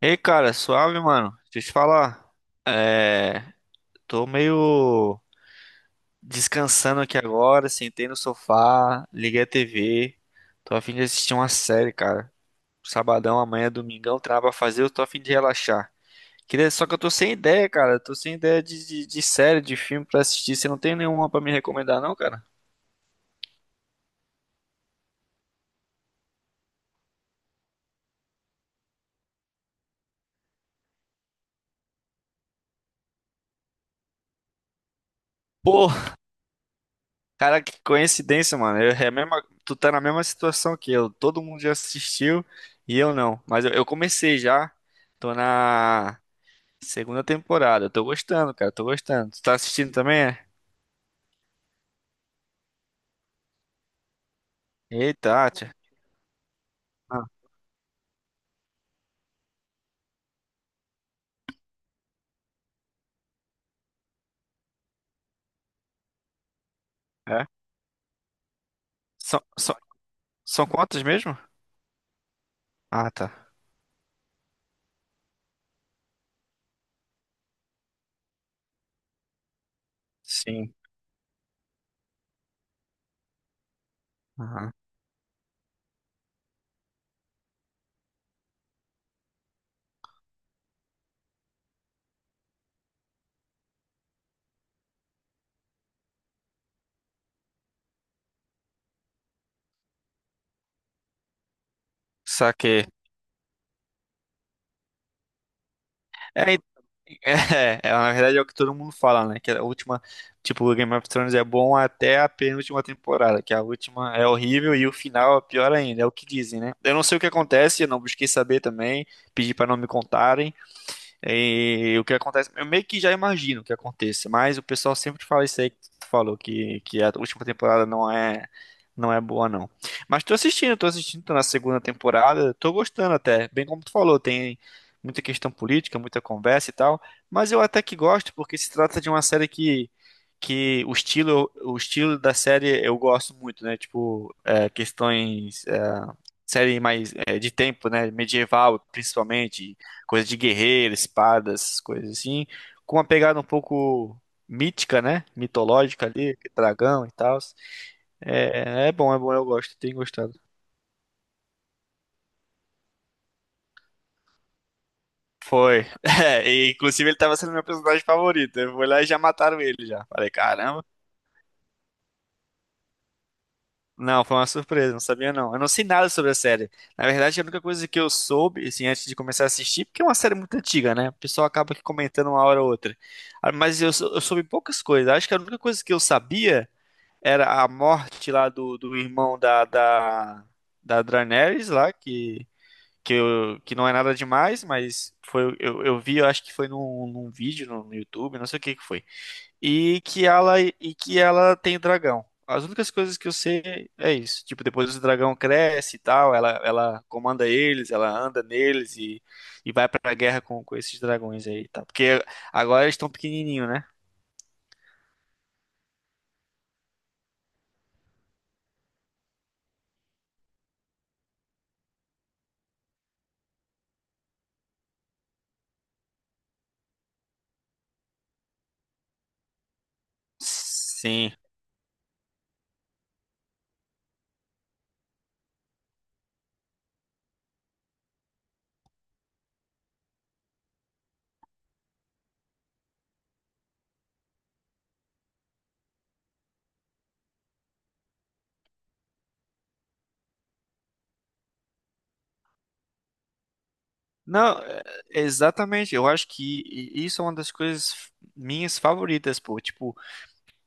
Ei, cara, suave, mano. Deixa eu te falar. É, tô meio descansando aqui agora, sentei no sofá, liguei a TV. Tô a fim de assistir uma série, cara. Sabadão, amanhã, domingão, tem nada pra fazer, eu tô a fim de relaxar. Queria... Só que eu tô sem ideia, cara. Tô sem ideia de série, de filme pra assistir. Você não tem nenhuma pra me recomendar, não, cara? Pô, cara, que coincidência, mano. Eu, é a mesma, tu tá na mesma situação que eu. Todo mundo já assistiu e eu não. Mas eu comecei já. Tô na segunda temporada. Eu tô gostando, cara. Tô gostando. Tu tá assistindo também? É? Eita, tia. Ah, é? São, são, são quantos mesmo? Ah, tá. Sim. Aham. Saquei. É, então, é, é, na verdade é o que todo mundo fala, né? Que a última, tipo, o Game of Thrones é bom até a penúltima temporada, que a última é horrível e o final é pior ainda, é o que dizem, né? Eu não sei o que acontece, eu não busquei saber também, pedi pra não me contarem. E o que acontece, eu meio que já imagino o que aconteça, mas o pessoal sempre fala isso aí que tu falou, que a última temporada não é, não é boa, não. Mas tô assistindo, tô assistindo, tô na segunda temporada, tô gostando até, bem como tu falou, tem muita questão política, muita conversa e tal, mas eu até que gosto, porque se trata de uma série que o estilo da série eu gosto muito, né? Tipo, é, questões série mais é, de tempo, né? Medieval, principalmente, coisa de guerreiro, espadas, coisas assim, com uma pegada um pouco mítica, né? Mitológica ali, dragão e tal. É, é bom, eu gosto, tenho gostado. Foi. É, e, inclusive ele tava sendo meu personagem favorito. Eu fui lá e já mataram ele já. Falei, caramba. Não, foi uma surpresa, não sabia não. Eu não sei nada sobre a série. Na verdade, a única coisa que eu soube, assim, antes de começar a assistir, porque é uma série muito antiga, né? O pessoal acaba aqui comentando uma hora ou outra. Ah, mas eu soube poucas coisas. Acho que a única coisa que eu sabia era a morte lá do irmão da Daenerys lá, que, que não é nada demais, mas foi, eu vi, eu acho que foi num vídeo no YouTube, não sei o que que foi e que ela tem dragão. As únicas coisas que eu sei é isso. Tipo, depois o dragão cresce e tal, ela comanda eles, ela anda neles e vai pra guerra com esses dragões aí, tá? Porque agora eles estão pequenininho, né? Sim. Não, exatamente. Eu acho que isso é uma das coisas minhas favoritas, pô. Tipo,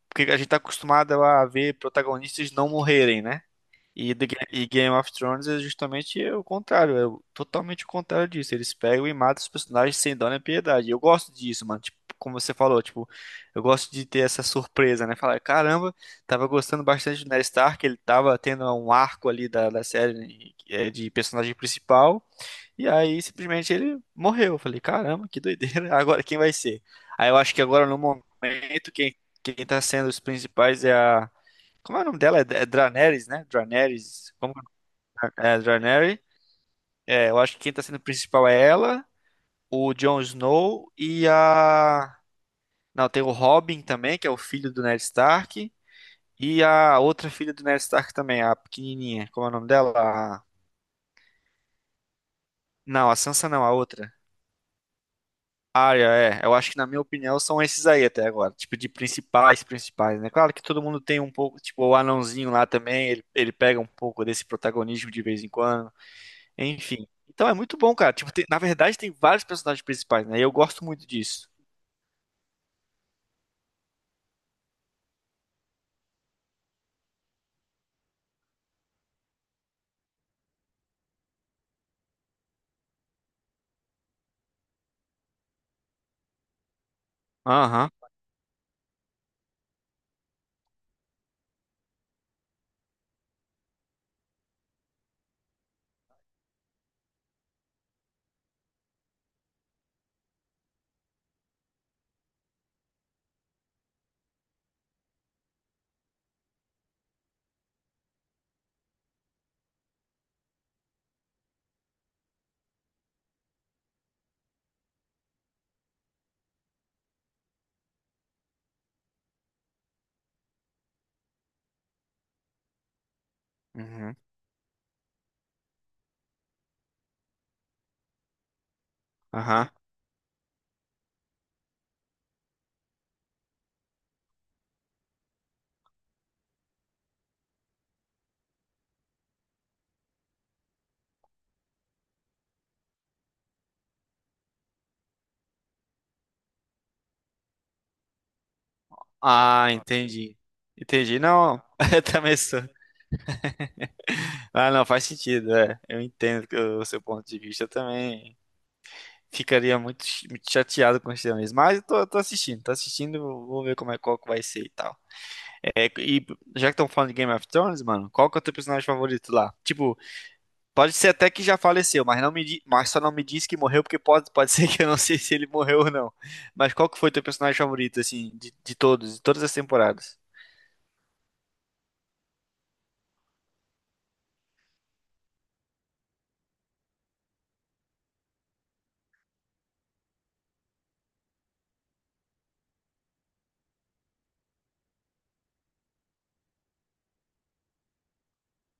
porque a gente tá acostumado a ver protagonistas não morrerem, né? E, e Game of Thrones é justamente o contrário, totalmente o contrário disso. Eles pegam e matam os personagens sem dó nem piedade. Eu gosto disso, mano. Tipo, como você falou, tipo, eu gosto de ter essa surpresa, né? Falar, caramba, tava gostando bastante do Ned Stark, ele tava tendo um arco ali da série né, é, de personagem principal, e aí simplesmente ele morreu. Eu falei, caramba, que doideira, agora quem vai ser? Aí eu acho que agora no momento, quem tá sendo os principais é a. Como é o nome dela? É, é Draneris, né? Draneris. Como é, Draneris. É, eu acho que quem tá sendo principal é ela, o Jon Snow e a. Não, tem o Robin também, que é o filho do Ned Stark. E a outra filha do Ned Stark também, a pequenininha. Como é o nome dela? A- Não, a Sansa não, a outra. Arya, é. Eu acho que, na minha opinião, são esses aí até agora. Tipo, de principais, principais, né? Claro que todo mundo tem um pouco. Tipo, o anãozinho lá também, ele pega um pouco desse protagonismo de vez em quando. Enfim. Então é muito bom, cara. Tipo, na verdade, tem vários personagens principais, né? E eu gosto muito disso. Aham. Uhum. Aham. Ah, entendi. Entendi. Não, eu também sou. Ah, não, faz sentido. É. Eu entendo que o seu ponto de vista eu também. Ficaria muito chateado com isso mesmo. Mas eu tô, tô assistindo, vou ver como é qual que vai ser e tal. É, e já que estão falando de Game of Thrones, mano, qual que é o teu personagem favorito lá? Tipo, pode ser até que já faleceu, mas não mas só não me disse que morreu, porque pode, pode ser que eu não sei se ele morreu ou não. Mas qual que foi teu personagem favorito, assim, de todos, de todas as temporadas?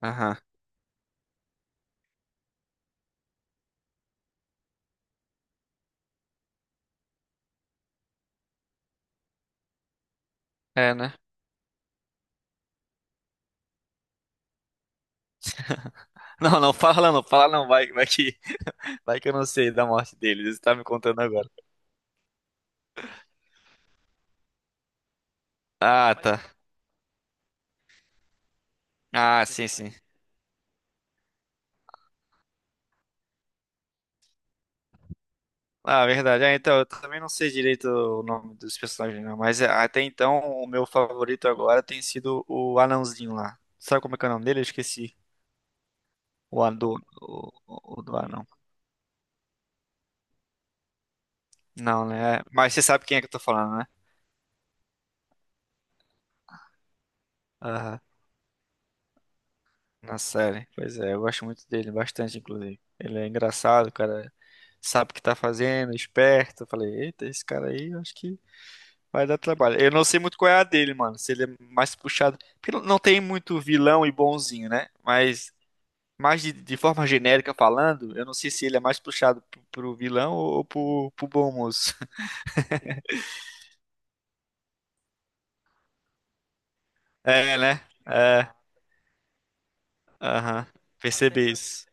Aham. É, né? Não, não, fala não, fala não, vai que eu não sei da morte dele, você tá me contando agora. Ah, tá. Ah, sim, sim. Ah, verdade. Ah, então, eu também não sei direito o nome dos personagens, não, mas é, até então o meu favorito agora tem sido o anãozinho lá. Sabe como é que é o nome dele? Eu esqueci. O do anão. Não, né? Mas você sabe quem é que eu tô falando, né? Aham. Na série. Pois é, eu gosto muito dele, bastante, inclusive. Ele é engraçado, o cara sabe o que tá fazendo, esperto. Eu falei, eita, esse cara aí, eu acho que vai dar trabalho. Eu não sei muito qual é a dele, mano. Se ele é mais puxado. Porque não não tem muito vilão e bonzinho, né? Mas, mais de forma genérica falando, eu não sei se ele é mais puxado pro vilão ou pro bom moço. É, né? É, aham. Percebi isso.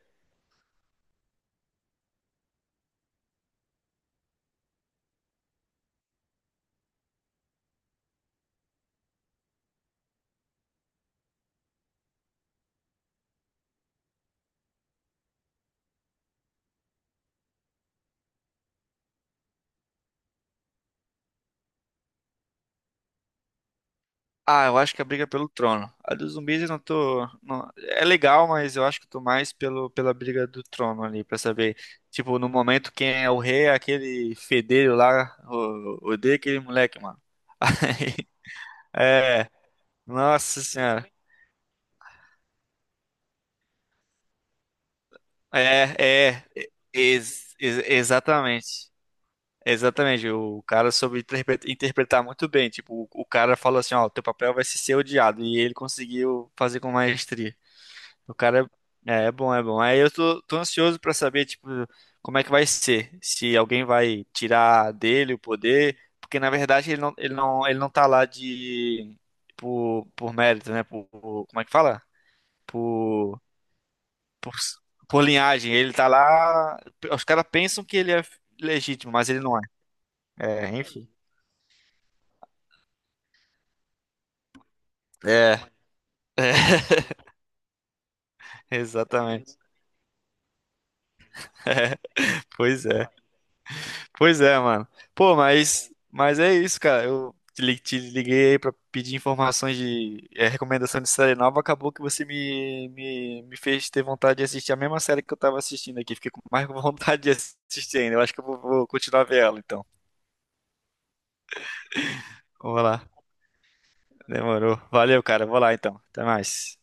Ah, eu acho que é a briga é pelo trono. A dos zumbis eu não tô. Não- é legal, mas eu acho que eu tô mais pelo, pela briga do trono ali, pra saber. Tipo, no momento, quem é o rei é aquele fedelho lá, o, odeio aquele moleque, mano. é, nossa senhora. É, é, exatamente. Exatamente, o cara soube interpretar muito bem. Tipo, o cara falou assim: ó, teu papel vai ser ser odiado. E ele conseguiu fazer com maestria. O cara é, é bom, é bom. Aí eu tô, tô ansioso pra saber, tipo, como é que vai ser. Se alguém vai tirar dele o poder, porque na verdade ele não tá lá de por, mérito, né? Por- como é que fala? Por, por, por linhagem. Ele tá lá. Os caras pensam que ele é legítimo, mas ele não é. É, enfim. É, é, exatamente. Pois é. Pois é, mano. Pô, mas é isso, cara. Eu te liguei aí pra pedir informações de recomendação de série nova. Acabou que você me fez ter vontade de assistir a mesma série que eu tava assistindo aqui. Fiquei com mais vontade de assistir ainda. Eu acho que eu vou, vou continuar vendo ela, então. Vou lá. Demorou. Valeu, cara. Vou lá, então. Até mais.